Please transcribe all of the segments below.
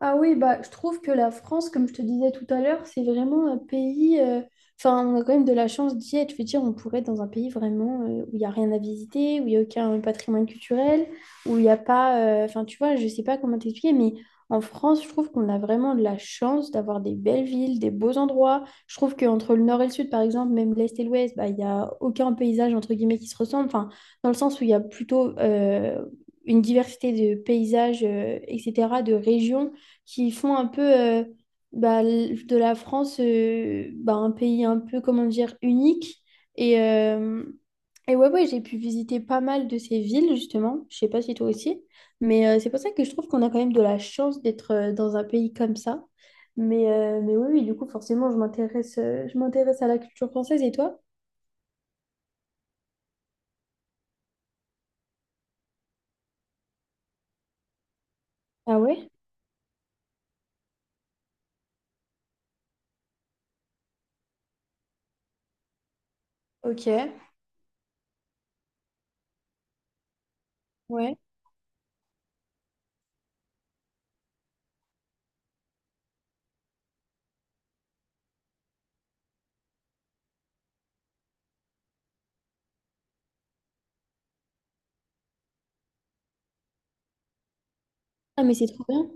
Ah oui, bah, je trouve que la France, comme je te disais tout à l'heure, c'est vraiment un pays. Enfin, on a quand même de la chance d'y être. Je veux dire, on pourrait être dans un pays vraiment où il n'y a rien à visiter, où il n'y a aucun patrimoine culturel, où il n'y a pas. Enfin, tu vois, je ne sais pas comment t'expliquer, mais en France, je trouve qu'on a vraiment de la chance d'avoir des belles villes, des beaux endroits. Je trouve qu'entre le nord et le sud, par exemple, même l'est et l'ouest, bah, il n'y a aucun paysage, entre guillemets, qui se ressemble. Enfin, dans le sens où il y a plutôt. Une diversité de paysages, etc., de régions qui font un peu bah, de la France bah, un pays un peu, comment dire, unique. Et, euh, et ouais, ouais, j'ai pu visiter pas mal de ces villes, justement. Je sais pas si toi aussi. Mais c'est pour ça que je trouve qu'on a quand même de la chance d'être dans un pays comme ça. Mais oui, oui, du coup, forcément, je m'intéresse à la culture française. Et toi? Ah ouais? Ok. Ouais. Ah, mais c'est trop bien.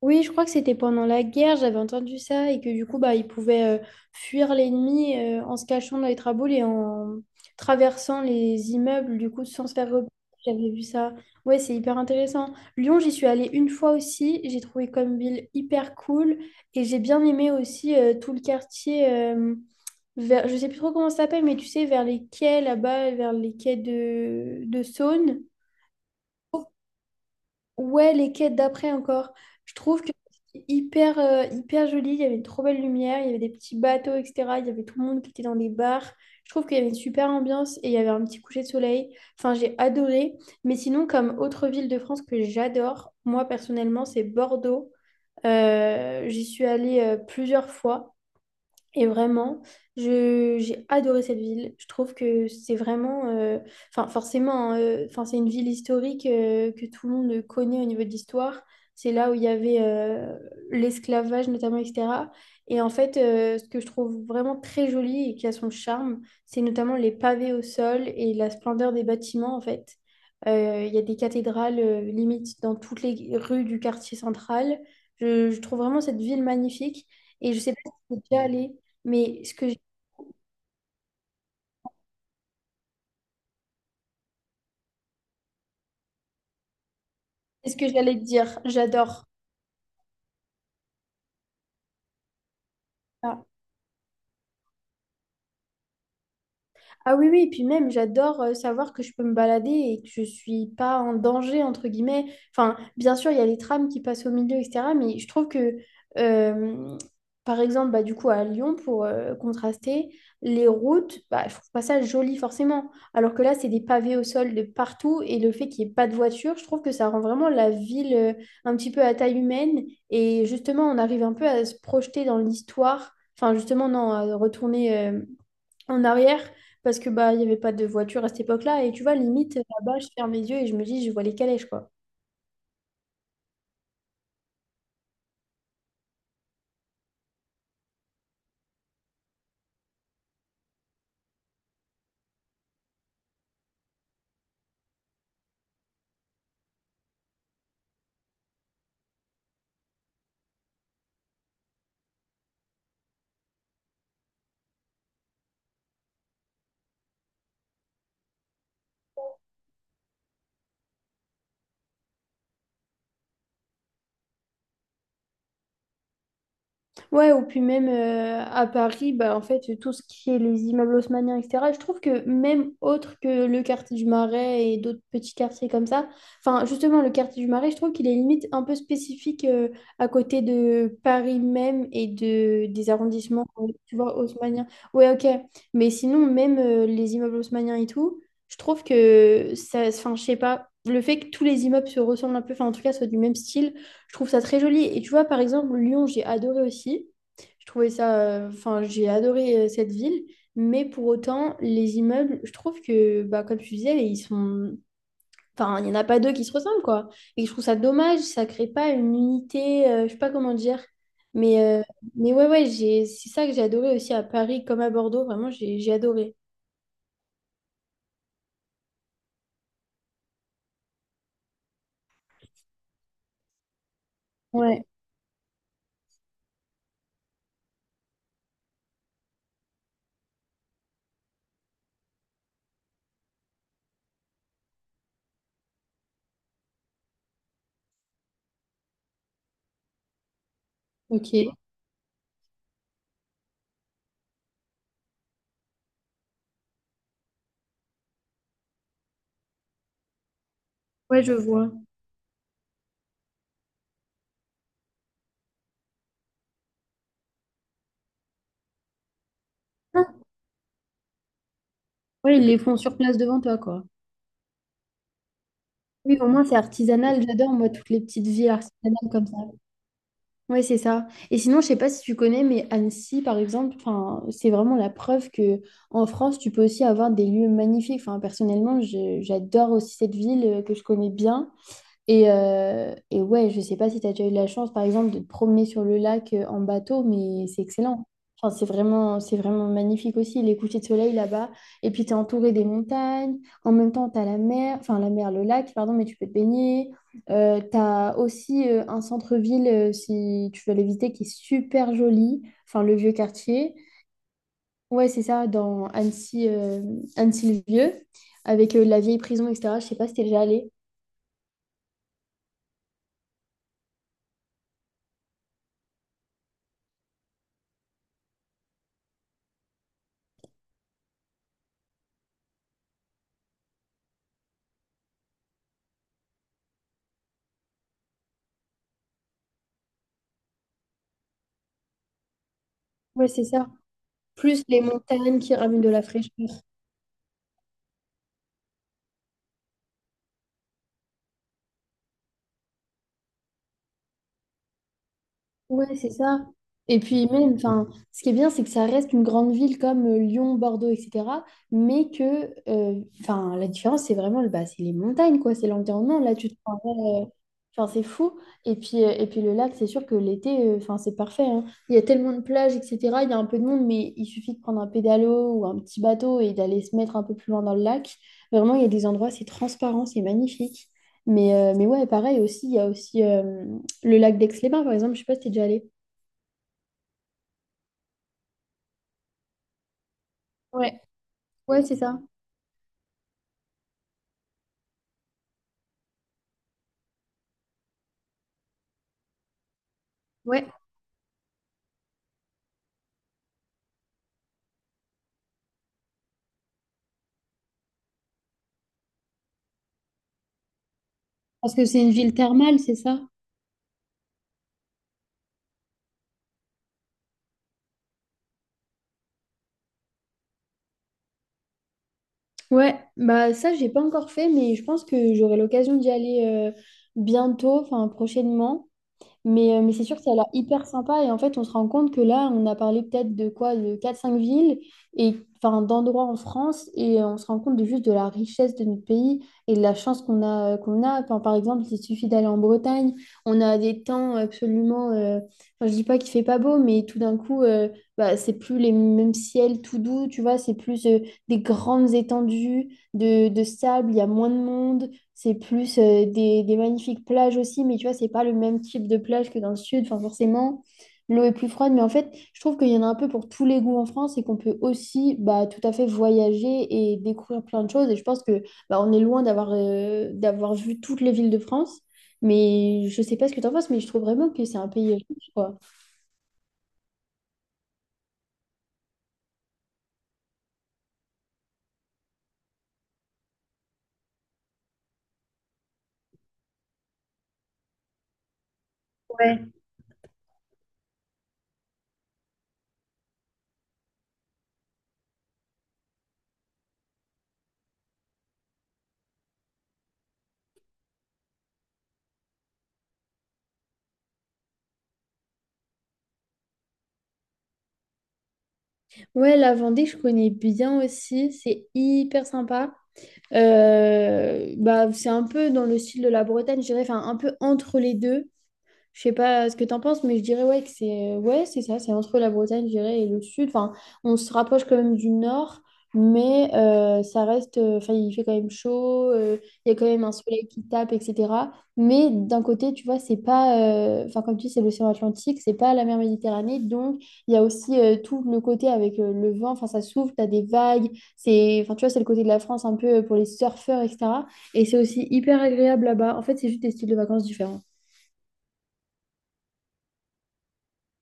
Oui, je crois que c'était pendant la guerre, j'avais entendu ça, et que du coup, bah, ils pouvaient fuir l'ennemi en se cachant dans les traboules et en traversant les immeubles, du coup, sans se faire repérer. J'avais vu ça. Ouais, c'est hyper intéressant. Lyon, j'y suis allée une fois aussi. J'ai trouvé comme ville hyper cool. Et j'ai bien aimé aussi tout le quartier vers, je sais plus trop comment ça s'appelle, mais tu sais, vers les quais là-bas, vers les quais de Saône. Ouais, les quêtes d'après encore. Je trouve que c'était hyper joli. Il y avait une trop belle lumière, il y avait des petits bateaux, etc. Il y avait tout le monde qui était dans des bars. Je trouve qu'il y avait une super ambiance et il y avait un petit coucher de soleil. Enfin, j'ai adoré. Mais sinon, comme autre ville de France que j'adore, moi personnellement, c'est Bordeaux. J'y suis allée plusieurs fois. Et vraiment, j'ai adoré cette ville. Je trouve que c'est vraiment, enfin forcément, hein, enfin c'est une ville historique que tout le monde connaît au niveau de l'histoire. C'est là où il y avait l'esclavage notamment, etc. Et en fait, ce que je trouve vraiment très joli et qui a son charme, c'est notamment les pavés au sol et la splendeur des bâtiments en fait. Il y a des cathédrales limite dans toutes les rues du quartier central. Je trouve vraiment cette ville magnifique. Et je sais pas si tu es déjà allé mais ce que j'allais te dire, j'adore. Ça. Ah oui, oui, et puis même, j'adore savoir que je peux me balader et que je suis pas en danger, entre guillemets. Enfin, bien sûr, il y a les trams qui passent au milieu, etc. Mais je trouve que, euh, par exemple, bah, du coup, à Lyon, pour contraster, les routes, bah, je trouve pas ça joli forcément. Alors que là, c'est des pavés au sol de partout et le fait qu'il n'y ait pas de voiture, je trouve que ça rend vraiment la ville un petit peu à taille humaine. Et justement, on arrive un peu à se projeter dans l'histoire. Enfin, justement, non, à retourner en arrière parce que bah il n'y avait pas de voiture à cette époque-là. Et tu vois, limite, là-bas, je ferme les yeux et je me dis, je vois les calèches, quoi. Ouais, ou puis même à Paris, bah, en fait, tout ce qui est les immeubles haussmanniens, etc., je trouve que même autre que le quartier du Marais et d'autres petits quartiers comme ça, enfin, justement, le quartier du Marais, je trouve qu'il est limite un peu spécifique à côté de Paris même et des arrondissements, tu vois, haussmanniens. Ouais, ok, mais sinon, même les immeubles haussmanniens et tout, je trouve que ça, enfin, je sais pas, le fait que tous les immeubles se ressemblent un peu, enfin, en tout cas, soient du même style, je trouve ça très joli. Et tu vois, par exemple, Lyon, j'ai adoré aussi. Je trouvais ça, enfin, j'ai adoré cette ville. Mais pour autant, les immeubles, je trouve que, bah, comme tu disais, ils sont, enfin, il n'y en a pas deux qui se ressemblent, quoi. Et je trouve ça dommage, ça crée pas une unité, je sais pas comment dire. Mais, euh, mais ouais, ouais, c'est ça que j'ai adoré aussi à Paris comme à Bordeaux. Vraiment, j'ai adoré. Ouais, ok. Ouais, je vois. Ah, ouais, ils les font sur place devant toi, quoi. Oui, au moins, c'est artisanal. J'adore, moi, toutes les petites villes artisanales comme ça. Ouais, c'est ça. Et sinon, je sais pas si tu connais, mais Annecy, par exemple, enfin, c'est vraiment la preuve que en France, tu peux aussi avoir des lieux magnifiques. Enfin, personnellement, j'adore aussi cette ville que je connais bien. Et ouais, je sais pas si tu as déjà eu la chance, par exemple, de te promener sur le lac en bateau, mais c'est excellent. Enfin, c'est vraiment magnifique aussi, les couchers de soleil là-bas. Et puis, tu es entouré des montagnes. En même temps, tu as la mer, enfin la mer, le lac, pardon, mais tu peux te baigner. Tu as aussi un centre-ville, si tu veux l'éviter, qui est super joli. Enfin, le vieux quartier. Ouais, c'est ça, dans Annecy, Annecy-le-Vieux, avec la vieille prison, etc. Je sais pas si t'es déjà allé. Ouais, c'est ça, plus les montagnes qui ramènent de la fraîcheur. Ouais, c'est ça. Et puis même, enfin, ce qui est bien, c'est que ça reste une grande ville comme Lyon, Bordeaux, etc. Mais que, enfin, la différence, c'est vraiment, bah, c'est les montagnes, quoi, c'est l'environnement. Là, tu te prends, euh, enfin, c'est fou. Et puis le lac, c'est sûr que l'été, enfin, c'est parfait, hein. Il y a tellement de plages, etc. Il y a un peu de monde, mais il suffit de prendre un pédalo ou un petit bateau et d'aller se mettre un peu plus loin dans le lac. Vraiment, il y a des endroits, c'est transparent, c'est magnifique. Mais ouais, pareil aussi, il y a aussi le lac d'Aix-les-Bains, par exemple, je sais pas si t'es déjà allé. Ouais, ouais, c'est ça. Ouais, parce que c'est une ville thermale, c'est ça? Ouais. Bah ça, j'ai pas encore fait, mais je pense que j'aurai l'occasion d'y aller bientôt, enfin prochainement. Mais c'est sûr que ça a l'air hyper sympa. Et en fait, on se rend compte que là, on a parlé peut-être de quoi, de quatre cinq villes, et enfin d'endroits en France, et on se rend compte de juste de la richesse de notre pays et de la chance qu'on a. Enfin, par exemple, il suffit d'aller en Bretagne, on a des temps absolument. Enfin, je dis pas qu'il fait pas beau, mais tout d'un coup, bah, c'est plus les mêmes ciels tout doux, tu vois, c'est plus des grandes étendues de sable, il y a moins de monde. C'est plus des magnifiques plages aussi, mais tu vois, c'est pas le même type de plage que dans le sud. Enfin, forcément, l'eau est plus froide, mais en fait, je trouve qu'il y en a un peu pour tous les goûts en France et qu'on peut aussi bah, tout à fait voyager et découvrir plein de choses. Et je pense que bah, on est loin d'avoir vu toutes les villes de France, mais je sais pas ce que t'en penses, mais je trouve vraiment que c'est un pays riche, quoi. Ouais. Ouais, la Vendée, je connais bien aussi. C'est hyper sympa. Bah, c'est un peu dans le style de la Bretagne, je dirais, enfin, un peu entre les deux. Je sais pas ce que t'en penses, mais je dirais ouais que c'est ouais, c'est ça, c'est entre la Bretagne, je dirais, et le sud. Enfin, on se rapproche quand même du nord, mais ça reste. Enfin, il fait quand même chaud, il y a quand même un soleil qui tape, etc. Mais d'un côté, tu vois, c'est pas. Enfin, comme tu dis, c'est l'océan Atlantique, c'est pas la mer Méditerranée, donc il y a aussi tout le côté avec le vent. Enfin, ça souffle, t'as des vagues. C'est. Enfin, tu vois, c'est le côté de la France un peu pour les surfeurs, etc. Et c'est aussi hyper agréable là-bas. En fait, c'est juste des styles de vacances différents.